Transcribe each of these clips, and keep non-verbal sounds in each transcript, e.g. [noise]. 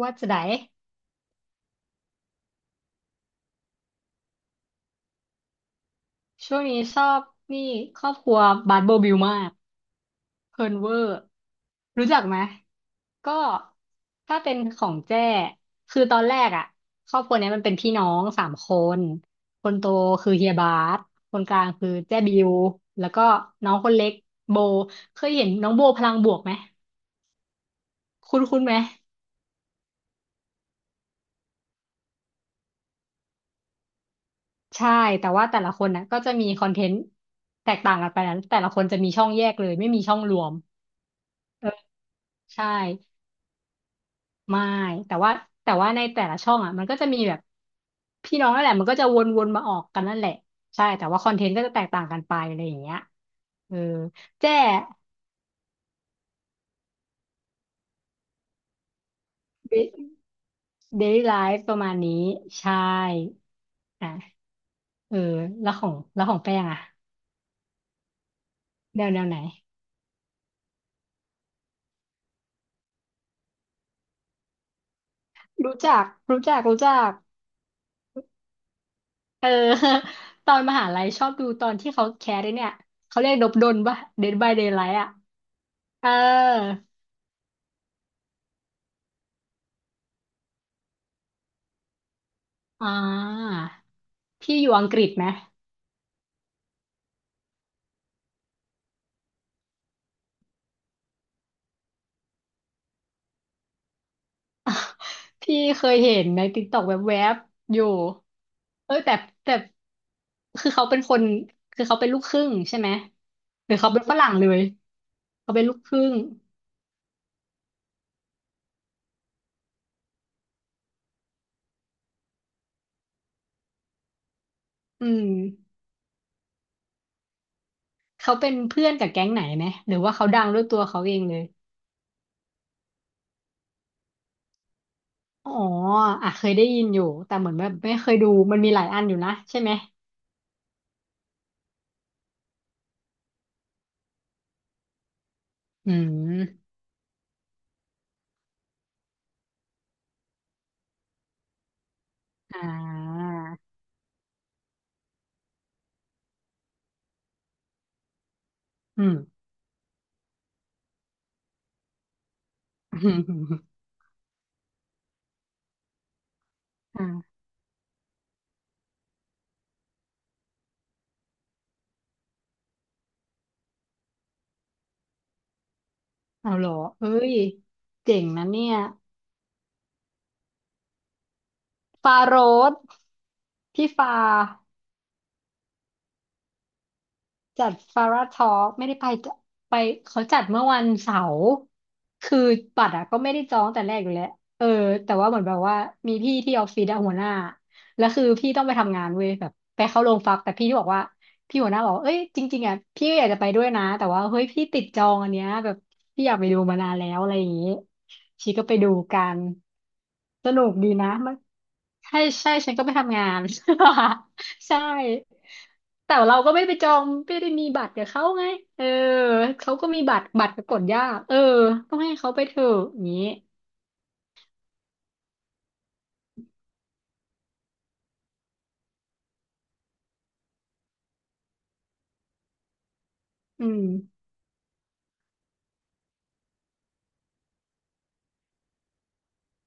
ว่าจะไหนช่วงนี้ชอบนี่ครอบครัวบาร์โบบิลมากเพลิร์นเวอร์รู้จักไหมก็ถ้าเป็นของแจ้คือตอนแรกอ่ะครอบครัวเนี้ยมันเป็นพี่น้องสามคนคนโตคือเฮียบาสคนกลางคือแจ้บิวแล้วก็น้องคนเล็กโบเคยเห็นน้องโบพลังบวกไหมคุ้นคุ้นไหมใช่แต่ว่าแต่ละคนนะก็จะมีคอนเทนต์แตกต่างกันไปนะแต่ละคนจะมีช่องแยกเลยไม่มีช่องรวมเออใช่ ไม่แต่ว่าแต่ว่าในแต่ละช่องอ่ะมันก็จะมีแบบพี่น้องนั่นแหละมันก็จะวนๆมาออกกันนั่นแหละใช่แต่ว่าคอนเทนต์ก็จะแตกต่างกันไปอะไรอย่างเงี้ยเออแจ้เดลี่ไลฟ์ประมาณนี้ใช่อ่ะเออแล้วของแป้งอ่ะแนวแนวไหนรู้จักรู้จักรู้จักเออ [laughs] ตอนมหาลัยชอบดูตอนที่เขาแคสไอ้เนี่ยเขาเรียกดบดลปะ Dead by Daylight อ่ะเอออ่าพี่อยู่อังกฤษไหม พี่เคยเห็นในติ๊กต็อกแวบๆอยู่เอ้ยแต่คือเขาเป็นคนคือเขาเป็นลูกครึ่งใช่ไหมหรือเขาเป็นฝรั่งเลยเขาเป็นลูกครึ่งอืมเขาเป็นเพื่อนกับแก๊งไหนไหมหรือว่าเขาดังด้วยตัวเขาเองเลยอ๋ออ่ะเคยได้ยินอยู่แต่เหมือนแบบไม่เคยดูมันมีหลายอันอยู่นะใช่ไหมอืมอ่าอืม [laughs] อ่าเอาเหรอเอ้ยเจ๋งนะเนี่ย ฟาโรสพี่ฟา จัดฟาราทอล์ไม่ได้ไปเขาจัดเมื่อวันเสาร์คือบัตรอะก็ไม่ได้จองแต่แรกอยู่แล้วเออแต่ว่าเหมือนแบบว่ามีพี่ที่ออฟฟิศอะหัวหน้าแล้วคือพี่ต้องไปทำงานเว้ยแบบไปเข้าโรงฟักแต่พี่ที่บอกว่าพี่หัวหน้าบอกว่าเอ้ยจริงๆอะพี่ก็อยากจะไปด้วยนะแต่ว่าเฮ้ยพี่ติดจองอันเนี้ยแบบพี่อยากไปดูมานานแล้วอะไรอย่างงี้ชีก็ไปดูกันสนุกดีนะมันใช่ใช่ฉันก็ไปทำงาน [laughs] ใช่ แต่เราก็ไม่ได้ไปจองไม่ได้มีบัตรกับเขาไง เออเขาก็มีบัตรบัตรก็กดยากเออต้องให้เขาไปเถอะอย่างนี้อืม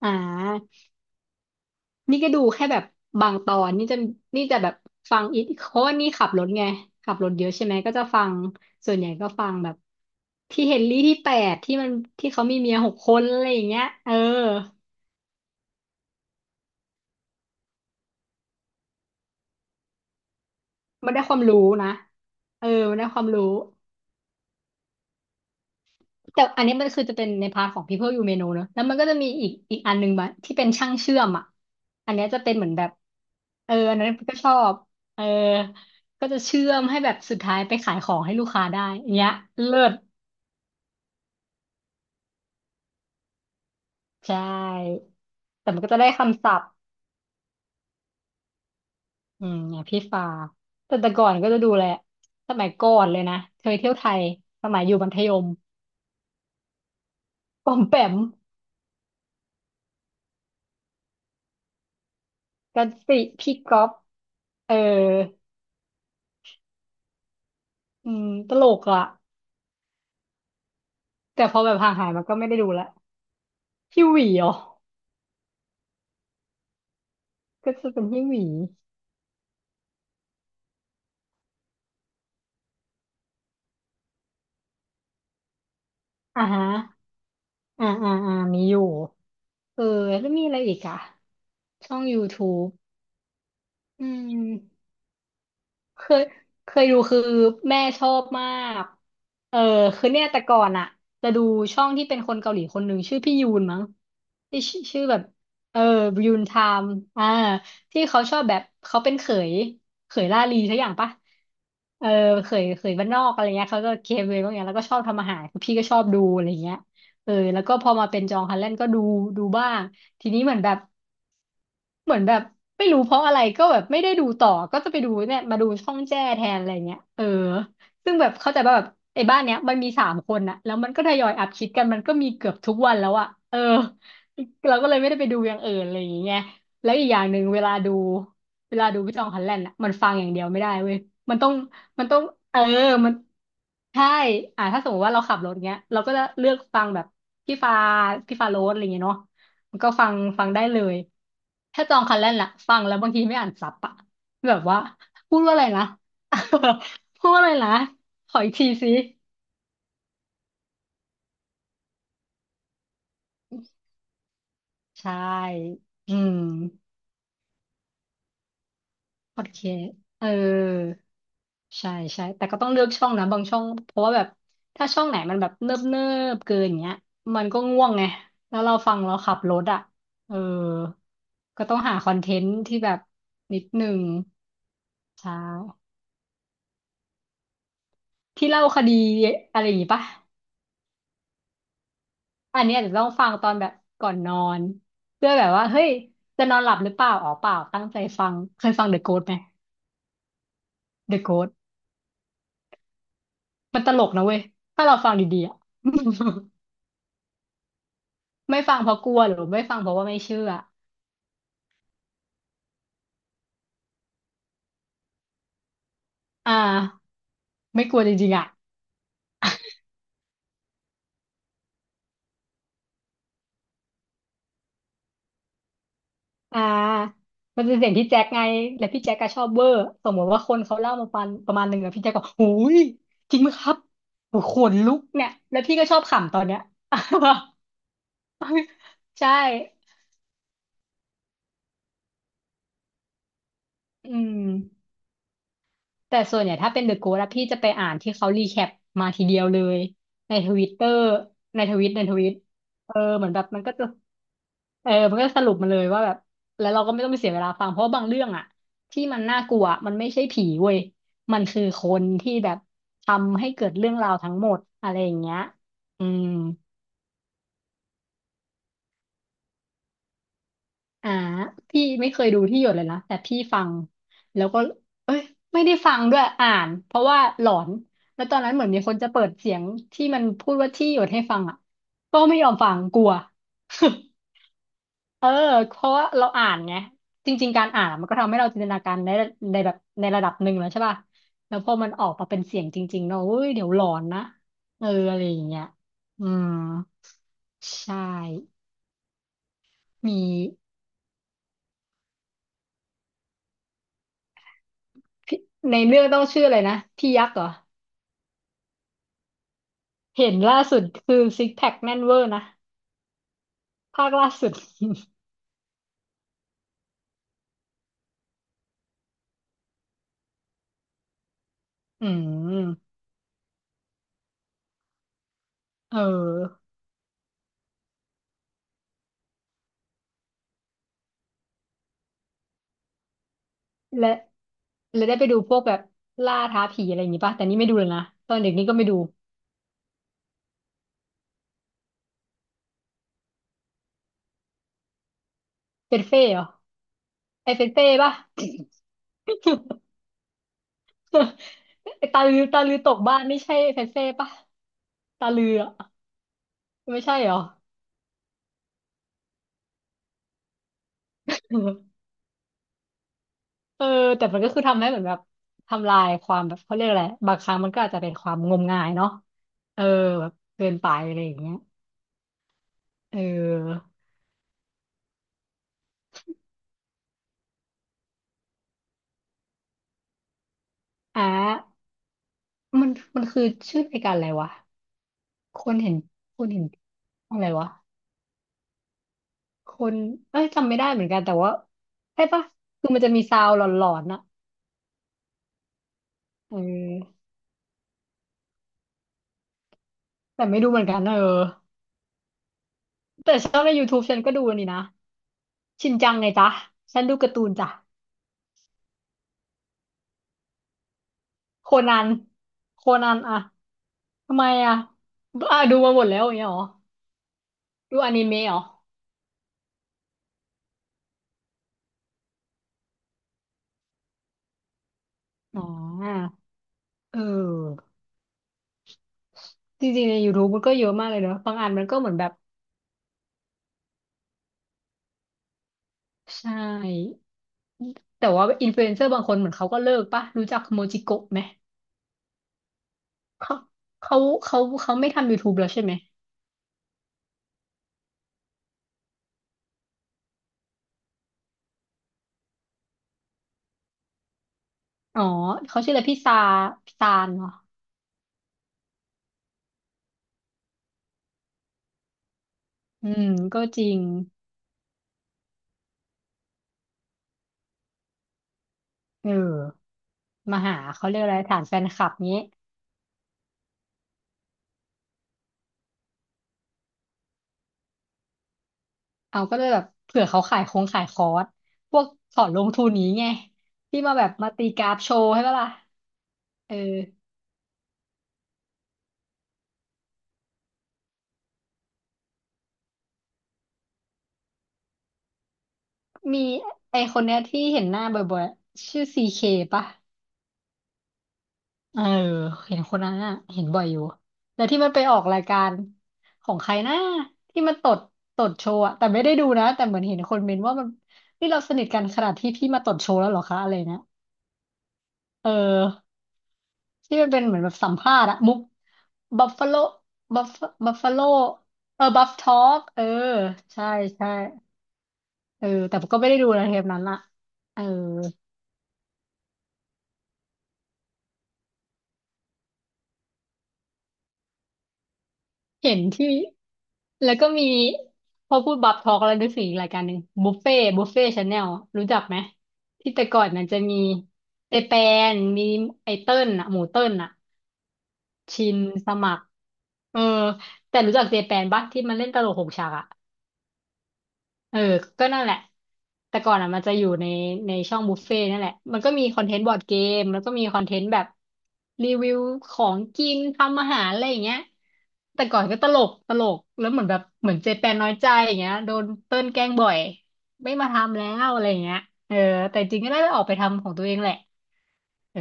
อ่านี่ก็ดูแค่แบบบางตอนนี่จะแบบฟังอีกเพราะว่านี่ขับรถไงขับรถเยอะใช่ไหมก็จะฟังส่วนใหญ่ก็ฟังแบบที่เฮนรี่ที่แปดที่มันที่เขามีเมียหกคนอะไรอย่างเงี้ยเออมันได้ความรู้นะเออมันได้ความรู้ แต่อันนี้มันคือจะเป็นในพาร์ทของ People You May Know เนอะแล้วมันก็จะมีอีกอันหนึ่งมาที่เป็นช่างเชื่อมอ่ะอันเนี้ยจะเป็นเหมือนแบบเอออันนั้นก็ชอบเออก็จะเชื่อมให้แบบสุดท้ายไปขายของให้ลูกค้าได้อย่างเงี้ยเลิศใช่แต่มันก็จะได้คำศัพท์อืมอย่างพี่ฟ้าแต่ก่อนก็จะดูแหละสมัยก่อนเลยนะเคยเที่ยวไทยสมัยอยู่มัธยมปอมแปมกันสิพี่ก๊อฟเอออืมตลกอ่ะ แต่พอแบบห่างหายมันก็ไม่ได้ดูละฮิวหวีอ๋อก็จะเป็นฮิวหวีอ่าฮะอ่าอ่าอ่ามีอยู่เออแล้วมีอะไรอีกอ่ะช่อง YouTube อืม เคยเคยดูคือแม่ชอบมากเออคือเนี่ยแต่ก่อนอะจะดูช่องที่เป็นคนเกาหลีคนหนึ่งชื่อพี่ยูนมั้งที่ชื่อแบบเออยูนไทม์อ่าที่เขาชอบแบบเขาเป็นเขยเขยล่าลีทุกอย่างปะเออเขยเขยบ้านนอกอะไรเงี้ยเขาก็เกเวพวกเนี้ยแล้วก็ชอบทำอาหารคือพี่ก็ชอบดูอะไรเงี้ยเออแล้วก็พอมาเป็นจองฮันแลนด์ก็ดูบ้าง ทีนี้เหมือนแบบไม่รู้เพราะอะไรก็แบบไม่ได้ดูต่อก็จะไปดูเนี่ยมาดูช่องแจ้แทนอะไรเงี้ยเออซึ่งแบบเข้าใจว่าแบบไอ้บ้านเนี้ยมันมีสามคนอะแล้วมันก็ทยอยอัพคลิปกันมันก็มีเกือบทุกวันแล้วอะเออเราก็เลยไม่ได้ไปดูอย่างอื่นอะไรอย่างเงี้ยแล้วอีกอย่างหนึ่งเวลาดูพี่จองฮันแลนด์อะมันฟังอย่างเดียวไม่ได้เว้ยมันต้องมันต้องเออมันใช่อ่าถ้าสมมติว่าเราขับรถเงี้ยเราก็จะเลือกฟังแบบพี่ฟ้าพี่ฟ้าโรสอะไรเงี้ยเนาะ ก็ฟังได้เลย ถ้าจองคันแรกล่ะฟังแล้วบางทีไม่อ่านซับอะแบบว่าพูดว่าอะไรนะ [laughs] พูดว่าอะไรนะขออีกทีสิใช่อืมโอเคสต์เออใช่ใช่ แต่ก็ต้องเลือกช่องนะบางช่อง เพราะว่าแบบถ้าช่องไหนมันแบบเนิบเนิบเกินอย่างเงี้ยมันก็ง่วงไง แล้วเราฟังเราขับรถอ่ะเออ ก็ต้องหาคอนเทนต์ที่แบบนิดหนึ่งใช่ที่เล่าคดีอะไรอย่างงี้ปะ อันเนี้อาจยวต้องฟังตอนแบบก่อนนอนเพื่อแบบว่าเฮ้ยจะนอนหลับหรือเปล่าอ๋อเปล่าตั้งใจฟังเคยฟัง The Ghost ไหม The Ghost มันตลกนะเว้ยถ้าเราฟังดีๆอะ [laughs] ไม่ฟังเพราะกลัวหรือไม่ฟังเพราะว่าไม่เชื่ออ่าไม่กลัวจริงๆอ่ะอ่ามันเป็นเสียงพี่แจ็คไงและพี่แจ็คก็ชอบเวอร์สมมติว่าคนเขาเล่ามาปัะประมาณหนึ่งอะพี่แจ็คก็หูยจริงไหมครับโอ้โหขนลุกเนี่ยแล้วพี่ก็ชอบขำตอนเนี้ย [laughs] ใช่อืม แต่ส่วนใหญ่ถ้าเป็น The Good อะพี่จะไปอ่านที่เขารีแคปมาทีเดียวเลยในทวิตเตอร์ในทวิตในทวิตเออเหมือนแบบมันก็จะเออมันก็สรุปมาเลยว่าแบบแล้วเราก็ไม่ต้องไปเสียเวลาฟังเพราะว่าบางเรื่องอะที่มันน่ากลัวมันไม่ใช่ผีเว้ยมันคือคนที่แบบทำให้เกิดเรื่องราวทั้งหมดอะไรอย่างเงี้ยอืมอ่าพี่ไม่เคยดูที่หยดเลยนะแต่พี่ฟังแล้วก็ ไม่ได้ฟังด้วยอ่านเพราะว่าหลอนแล้วตอนนั้นเหมือนมีคนจะเปิดเสียงที่มันพูดว่าที่หยดให้ฟังอ่ะก็ไม่ยอมฟังกลัว [laughs] เออเพราะว่าเราอ่านไงจริงๆการอ่านมันก็ทำให้เราจินตนาการในในแบบในระดับหนึ่งแล้วใช่ป่ะแล้วพอมันออกมาเป็นเสียงจริงๆเนาะเฮ้ยเดี๋ยวหลอนนะเอออะไรอย่างเงี้ยอืมใช่มีพี่ในเรื่องต้องชื่ออะไรนะพี่ยักษ์เหรอเห็นล่าสุดคือซิกแพคแน่นเวอร์นะภาคล่าสุด อืมเออและและได้ไปดูพวกแบบล่าท้าผีอะไรอย่างงี้ป่ะแต่นี่ไม่ดูเลยนะตอนเด็กนี่ก็ไม่ดูเป็นเฟ่เหรอไอเฟนเฟ่ป่ะ [laughs] ไอตาลือตาลือตกบ้านไม่ใช่เฟนเฟ่ป่ะตาลืออะไม่ใช่เหรอเออแต่มันก็คือทำให้เหมือนแบบทำลายความแบบเขาเรียกอะไรบางครั้งมันก็อาจจะเป็นความงมงายเนาะเออแบบเกินไปอะไรอย่างเงี้ยเอออ่ะมันมันคือชื่อรายการอะไรวะ คนเห็นคนเห็นอะไรวะคนเอ้ยจำไม่ได้เหมือนกันแต่ว่าใช่ปะคือมันจะมีซาวด์หลอนๆน่ะเออแต่ไม่ดูเหมือนกันเออแต่ชอบใน YouTube ฉันก็ดูอันนี่นะชินจังไงจ๊ะฉันดูการ์ตูนจ้ะโคนันโคนันอะทำไมอะอ่ะดูมาหมดแล้วอย่างเงี้ยเหรอดูอนิเมะเหรออ๋อเออจริงๆใน YouTube มันก็เยอะมากเลยเนอะบางอันมันก็เหมือนแบบใช่ แต่ว่าอินฟลูเอนเซอร์บางคนเหมือนเขาก็เลิกปะรู้จักโมจิโกะไหมเขาเขาเขาไม่ทำ YouTube แล้วใช่ไหมอ๋อเขาชื่ออะไรพี่ซาพี่ซานเหรออืมก็จริงเออมาหาเขาเรียกอะไรฐานแฟนคลับนี้เอาก็เลยแบบเผื่อเขาขายคงขายคอร์สพวกสอนลงทุนนี้ไงที่มาแบบมาตีกราฟโชว์ให้ปะล่ะเออมีไอคนเนี้ยที่เห็นหน้าบ่อยๆชื่อซีเคปะ เออเห็นคนนั้นอ่ะเห็นบ่อยอยู่แล้วที่มันไปออกรายการของใครนะที่มันตดตดโชว์อะแต่ไม่ได้ดูนะแต่เหมือนเห็นคนเมนว่ามันนี่เราสนิทกันขนาดที่พี่มาตดโชว์แล้วเหรอคะอะไรเนี้ยเออที่มันเป็นเหมือนแบบสัมภาษณ์อะมุกบัฟฟาโลบัฟบัฟฟาโลเออบัฟทอกเออใช่ใช่เออแต่ก็ไม่ได้ดูนะเทปนั้นอะเออ เห็นที่แล้วก็มีพอพูดบับทอกแล้วนึกถึงอีกรายการหนึ่งบุฟเฟ่บุฟเฟ่ชาแนลรู้จักไหมที่แต่ก่อนมันจะมีเจแปนมีไอเติ้ลน่ะหมูเติ้ลน่ะชินสมัครเออแต่รู้จักเจแปนปะที่มันเล่นตลกหกฉากอะ เออ ก็นั่นแหละแต่ก่อนอ่ะมันจะอยู่ในช่องบุฟเฟ่ต์นั่นแหละมันก็มีคอนเทนต์บอร์ดเกมแล้วก็มีคอนเทนต์แบบรีวิวของกินทำอาหารอะไรอย่างเงี้ยแต่ก่อนก็ตลกตลกแล้วเหมือนแบบเหมือนเจแปนน้อยใจอย่างเงี้ยโดนเติ้นแกล้งบ่อยไม่มาทำแล้วอะไรอย่างเงี้ยเออแต่จริงก็ได้ไปออกไปทำของตัวเองแหละ เออ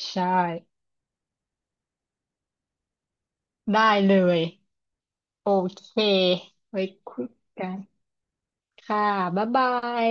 ใช่ได้เลย โอเคไว้คุยกันค่ะบ๊ายบาย